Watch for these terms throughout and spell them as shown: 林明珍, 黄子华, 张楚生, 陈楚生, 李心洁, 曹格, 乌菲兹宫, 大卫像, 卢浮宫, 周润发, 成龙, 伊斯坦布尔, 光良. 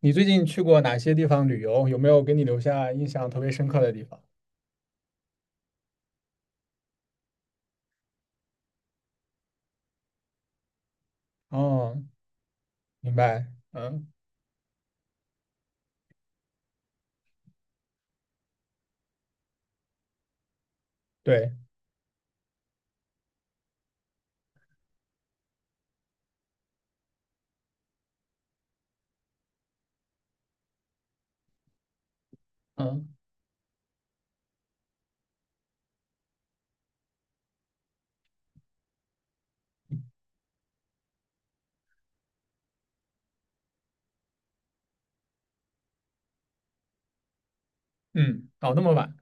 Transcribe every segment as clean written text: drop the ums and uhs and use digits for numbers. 你最近去过哪些地方旅游？有没有给你留下印象特别深刻的地方？哦，明白。嗯，对，嗯嗯，哦，那么晚。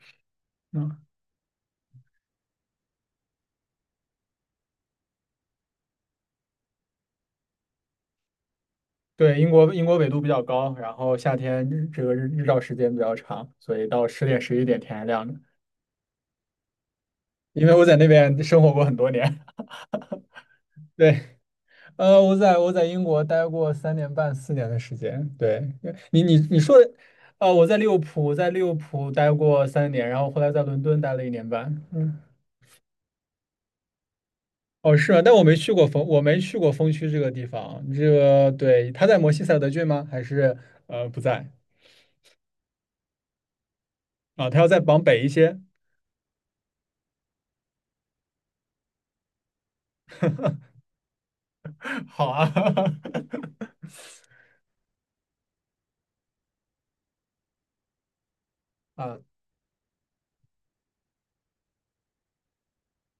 嗯，对，英国纬度比较高，然后夏天日这个日日照时间比较长，所以到10点11点天还亮着。因为我在那边生活过很多年。对，我在英国待过3年半4年的时间。对，你说的，我在利物浦，在利物浦待过三年，然后后来在伦敦待了1年半。嗯。哦，是啊，但我没去过风区这个地方。这个，对，他在摩西塞德郡吗？还是不在啊？他要再往北一些。好啊，啊，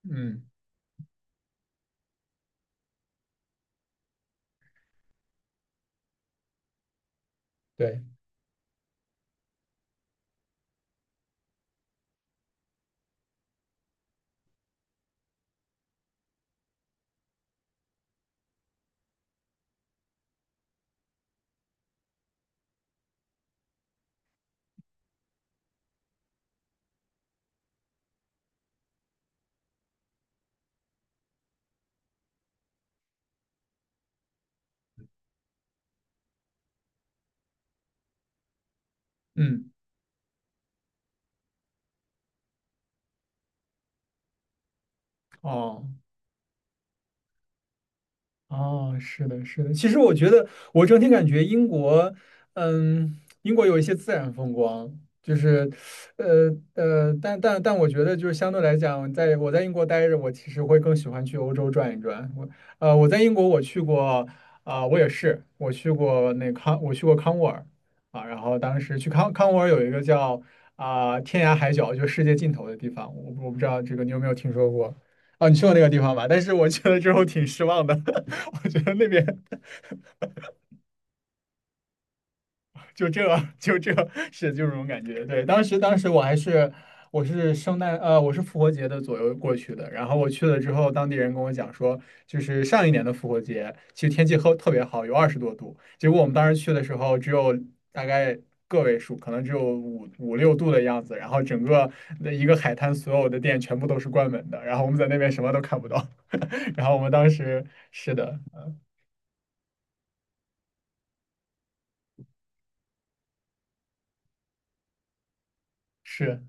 嗯，对，嗯，哦。哦，是的，是的。其实我觉得，我整体感觉英国，嗯，英国有一些自然风光，就是，但我觉得，就是相对来讲，在我在英国待着，我其实会更喜欢去欧洲转一转。我在英国我去过，啊、我也是，我去过康沃尔啊，然后当时去康沃尔有一个叫啊、天涯海角，就世界尽头的地方，我不知道这个你有没有听说过？啊，你去过那个地方吧？但是我去了之后挺失望的。我觉得那边就这就这是就这种感觉。对，当时我还是我是圣诞呃我是复活节的左右过去的，然后我去了之后，当地人跟我讲说，就是上一年的复活节其实天气特别好，有20多度，结果我们当时去的时候只有大概。个位数，可能只有五六度的样子，然后整个的一个海滩所有的店全部都是关门的，然后我们在那边什么都看不到，然后我们当时是的，嗯，是。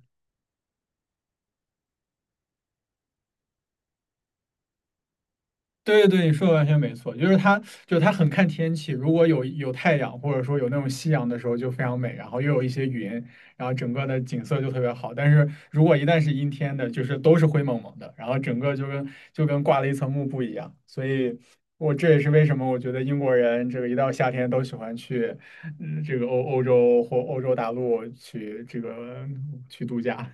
对对对，你说的完全没错，就是它很看天气。如果有太阳，或者说有那种夕阳的时候，就非常美，然后又有一些云，然后整个的景色就特别好。但是如果一旦是阴天的，就是都是灰蒙蒙的，然后整个就跟挂了一层幕布一样。所以我这也是为什么我觉得英国人这个一到夏天都喜欢去，嗯，这个欧洲或欧洲大陆去这个嗯去度假。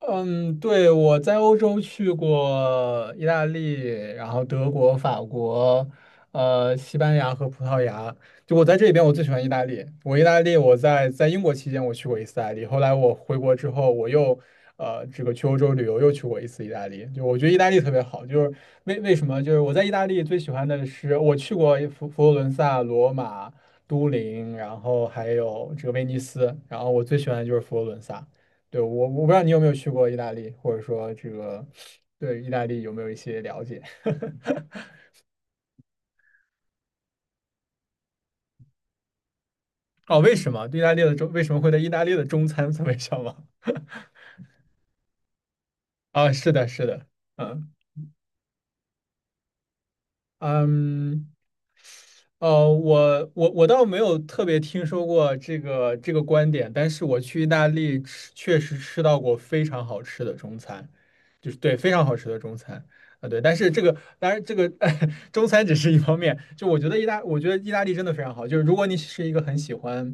嗯，对，我在欧洲去过意大利，然后德国、法国，西班牙和葡萄牙。就我在这里边，我最喜欢意大利。我在英国期间我去过一次意大利，后来我回国之后，我又这个去欧洲旅游又去过一次意大利。就我觉得意大利特别好，就是为什么？就是我在意大利最喜欢的是我去过佛罗伦萨、罗马、都灵，然后还有这个威尼斯，然后我最喜欢的就是佛罗伦萨。对，我不知道你有没有去过意大利，或者说这个对意大利有没有一些了解？哦，为什么会在意大利的中餐 特别向往？啊，是的，是的，嗯。嗯，我倒没有特别听说过这个观点，但是我去意大利吃，确实吃到过非常好吃的中餐，就是对非常好吃的中餐啊，对，但是这个当然这个 中餐只是一方面，就我觉得意大利真的非常好，就是如果你是一个很喜欢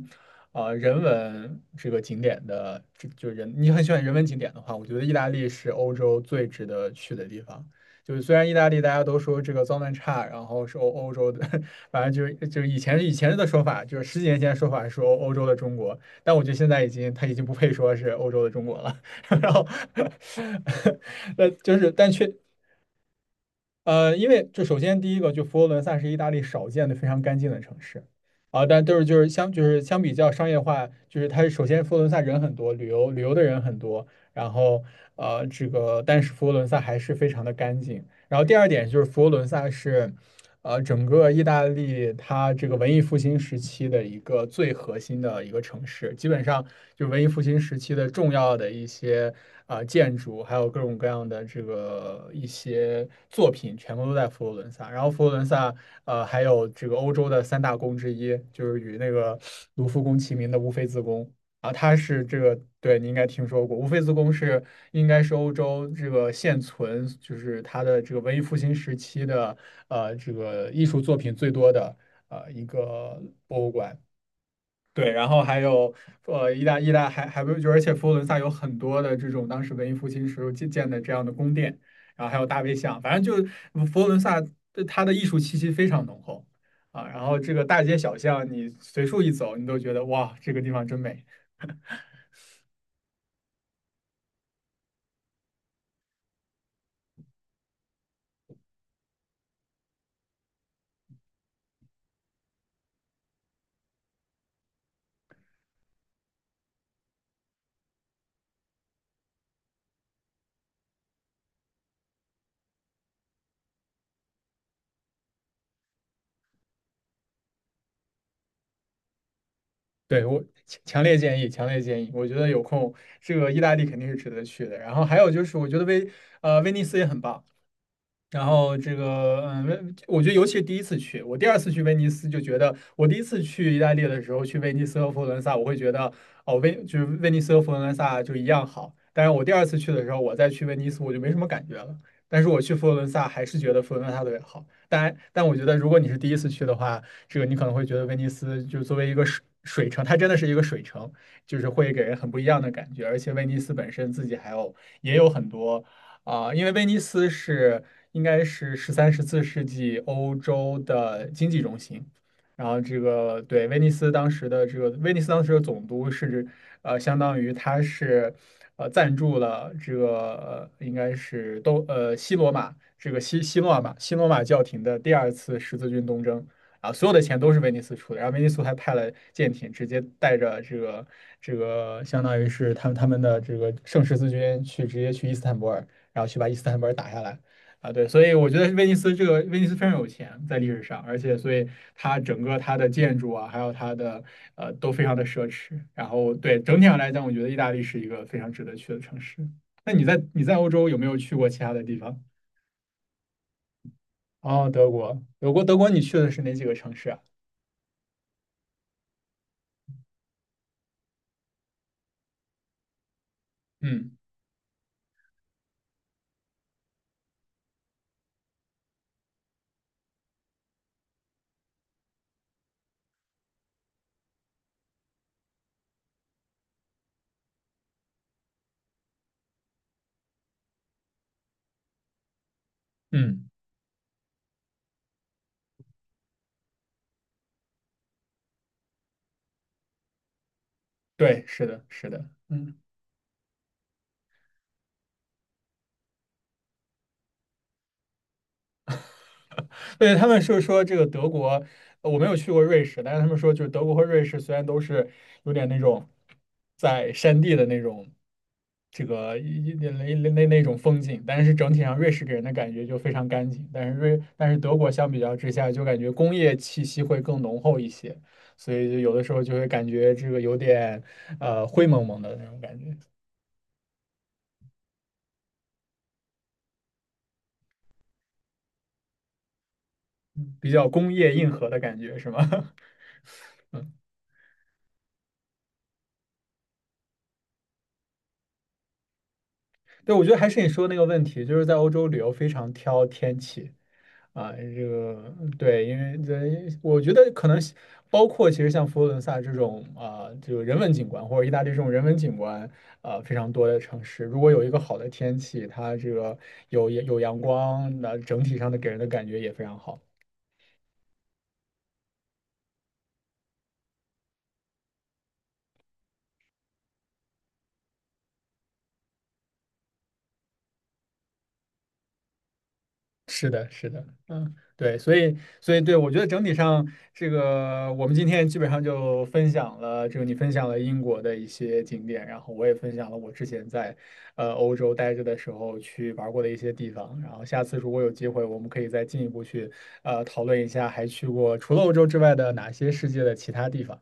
啊、人文这个景点的，就就人你很喜欢人文景点的话，我觉得意大利是欧洲最值得去的地方。就是虽然意大利大家都说这个脏乱差，然后是欧洲的，反正就是以前的说法，就是十几年前的说法是欧洲的中国，但我觉得现在已经它已经不配说是欧洲的中国了。然后，那就是但却。因为这首先第一个，就佛罗伦萨是意大利少见的非常干净的城市啊，但都是就是相比较商业化，就是它首先佛罗伦萨人很多，旅游的人很多，然后但是佛罗伦萨还是非常的干净。然后第二点就是佛罗伦萨是整个意大利它这个文艺复兴时期的一个最核心的一个城市，基本上就是文艺复兴时期的重要的一些啊、建筑，还有各种各样的这个一些作品，全部都在佛罗伦萨。然后佛罗伦萨还有这个欧洲的三大宫之一，就是与那个卢浮宫齐名的乌菲兹宫。啊，它是这个，对，你应该听说过，乌菲兹宫应该是欧洲这个现存，就是它的这个文艺复兴时期的这个艺术作品最多的一个博物馆。对，然后还有呃意大意大还还不就而且佛罗伦萨有很多的这种当时文艺复兴时候建的这样的宫殿，然后还有大卫像，反正就是佛罗伦萨对它的艺术气息非常浓厚啊。然后这个大街小巷，你随处一走，你都觉得哇，这个地方真美。对，我强烈建议，强烈建议。我觉得有空，这个意大利肯定是值得去的。然后还有就是，我觉得威尼斯也很棒。然后这个，嗯，我觉得尤其是第一次去，我第二次去威尼斯就觉得，我第一次去意大利的时候，去威尼斯和佛罗伦萨，我会觉得，哦，威就是威尼斯和佛罗伦萨就一样好。但是我第二次去的时候，我再去威尼斯，我就没什么感觉了。但是我去佛罗伦萨，还是觉得佛罗伦萨特别好。当然，但我觉得如果你是第一次去的话，这个你可能会觉得威尼斯就作为一个水城，它真的是一个水城，就是会给人很不一样的感觉。而且威尼斯本身自己还有也有很多。啊，因为威尼斯应该是13、14世纪欧洲的经济中心，然后这个对威尼斯当时的总督是指呃，相当于他是赞助了应该是都呃西罗马这个西西罗马西罗马教廷的第二次十字军东征。啊，所有的钱都是威尼斯出的，然后威尼斯还派了舰艇，直接带着这个，相当于是他们的这个圣十字军去直接去伊斯坦布尔，然后去把伊斯坦布尔打下来。啊，对，所以我觉得威尼斯非常有钱，在历史上，而且所以它整个它的建筑啊，还有它的都非常的奢侈。然后对整体上来讲，我觉得意大利是一个非常值得去的城市。那你在欧洲有没有去过其他的地方？哦，德国，德国，德国，你去的是哪几个城市啊？嗯嗯，对，是的，是的，嗯。对，他们是说这个德国，我没有去过瑞士，但是他们说就是德国和瑞士虽然都是有点那种在山地的那种这个一一那那那那种风景，但是整体上瑞士给人的感觉就非常干净，但是德国相比较之下就感觉工业气息会更浓厚一些，所以就有的时候就会感觉这个有点灰蒙蒙的那种感觉，比较工业硬核的感觉是吗？对，我觉得还是你说的那个问题，就是在欧洲旅游非常挑天气啊，这个对，因为这我觉得可能是包括其实像佛罗伦萨这种啊，这个人文景观或者意大利这种人文景观啊非常多的城市，如果有一个好的天气，它这个有阳光，那整体上的给人的感觉也非常好。是的，是的，嗯，对，所以，对，我觉得整体上，这个我们今天基本上就分享了，这个你分享了英国的一些景点，然后我也分享了我之前在欧洲待着的时候去玩过的一些地方，然后下次如果有机会，我们可以再进一步去讨论一下，还去过除了欧洲之外的哪些世界的其他地方。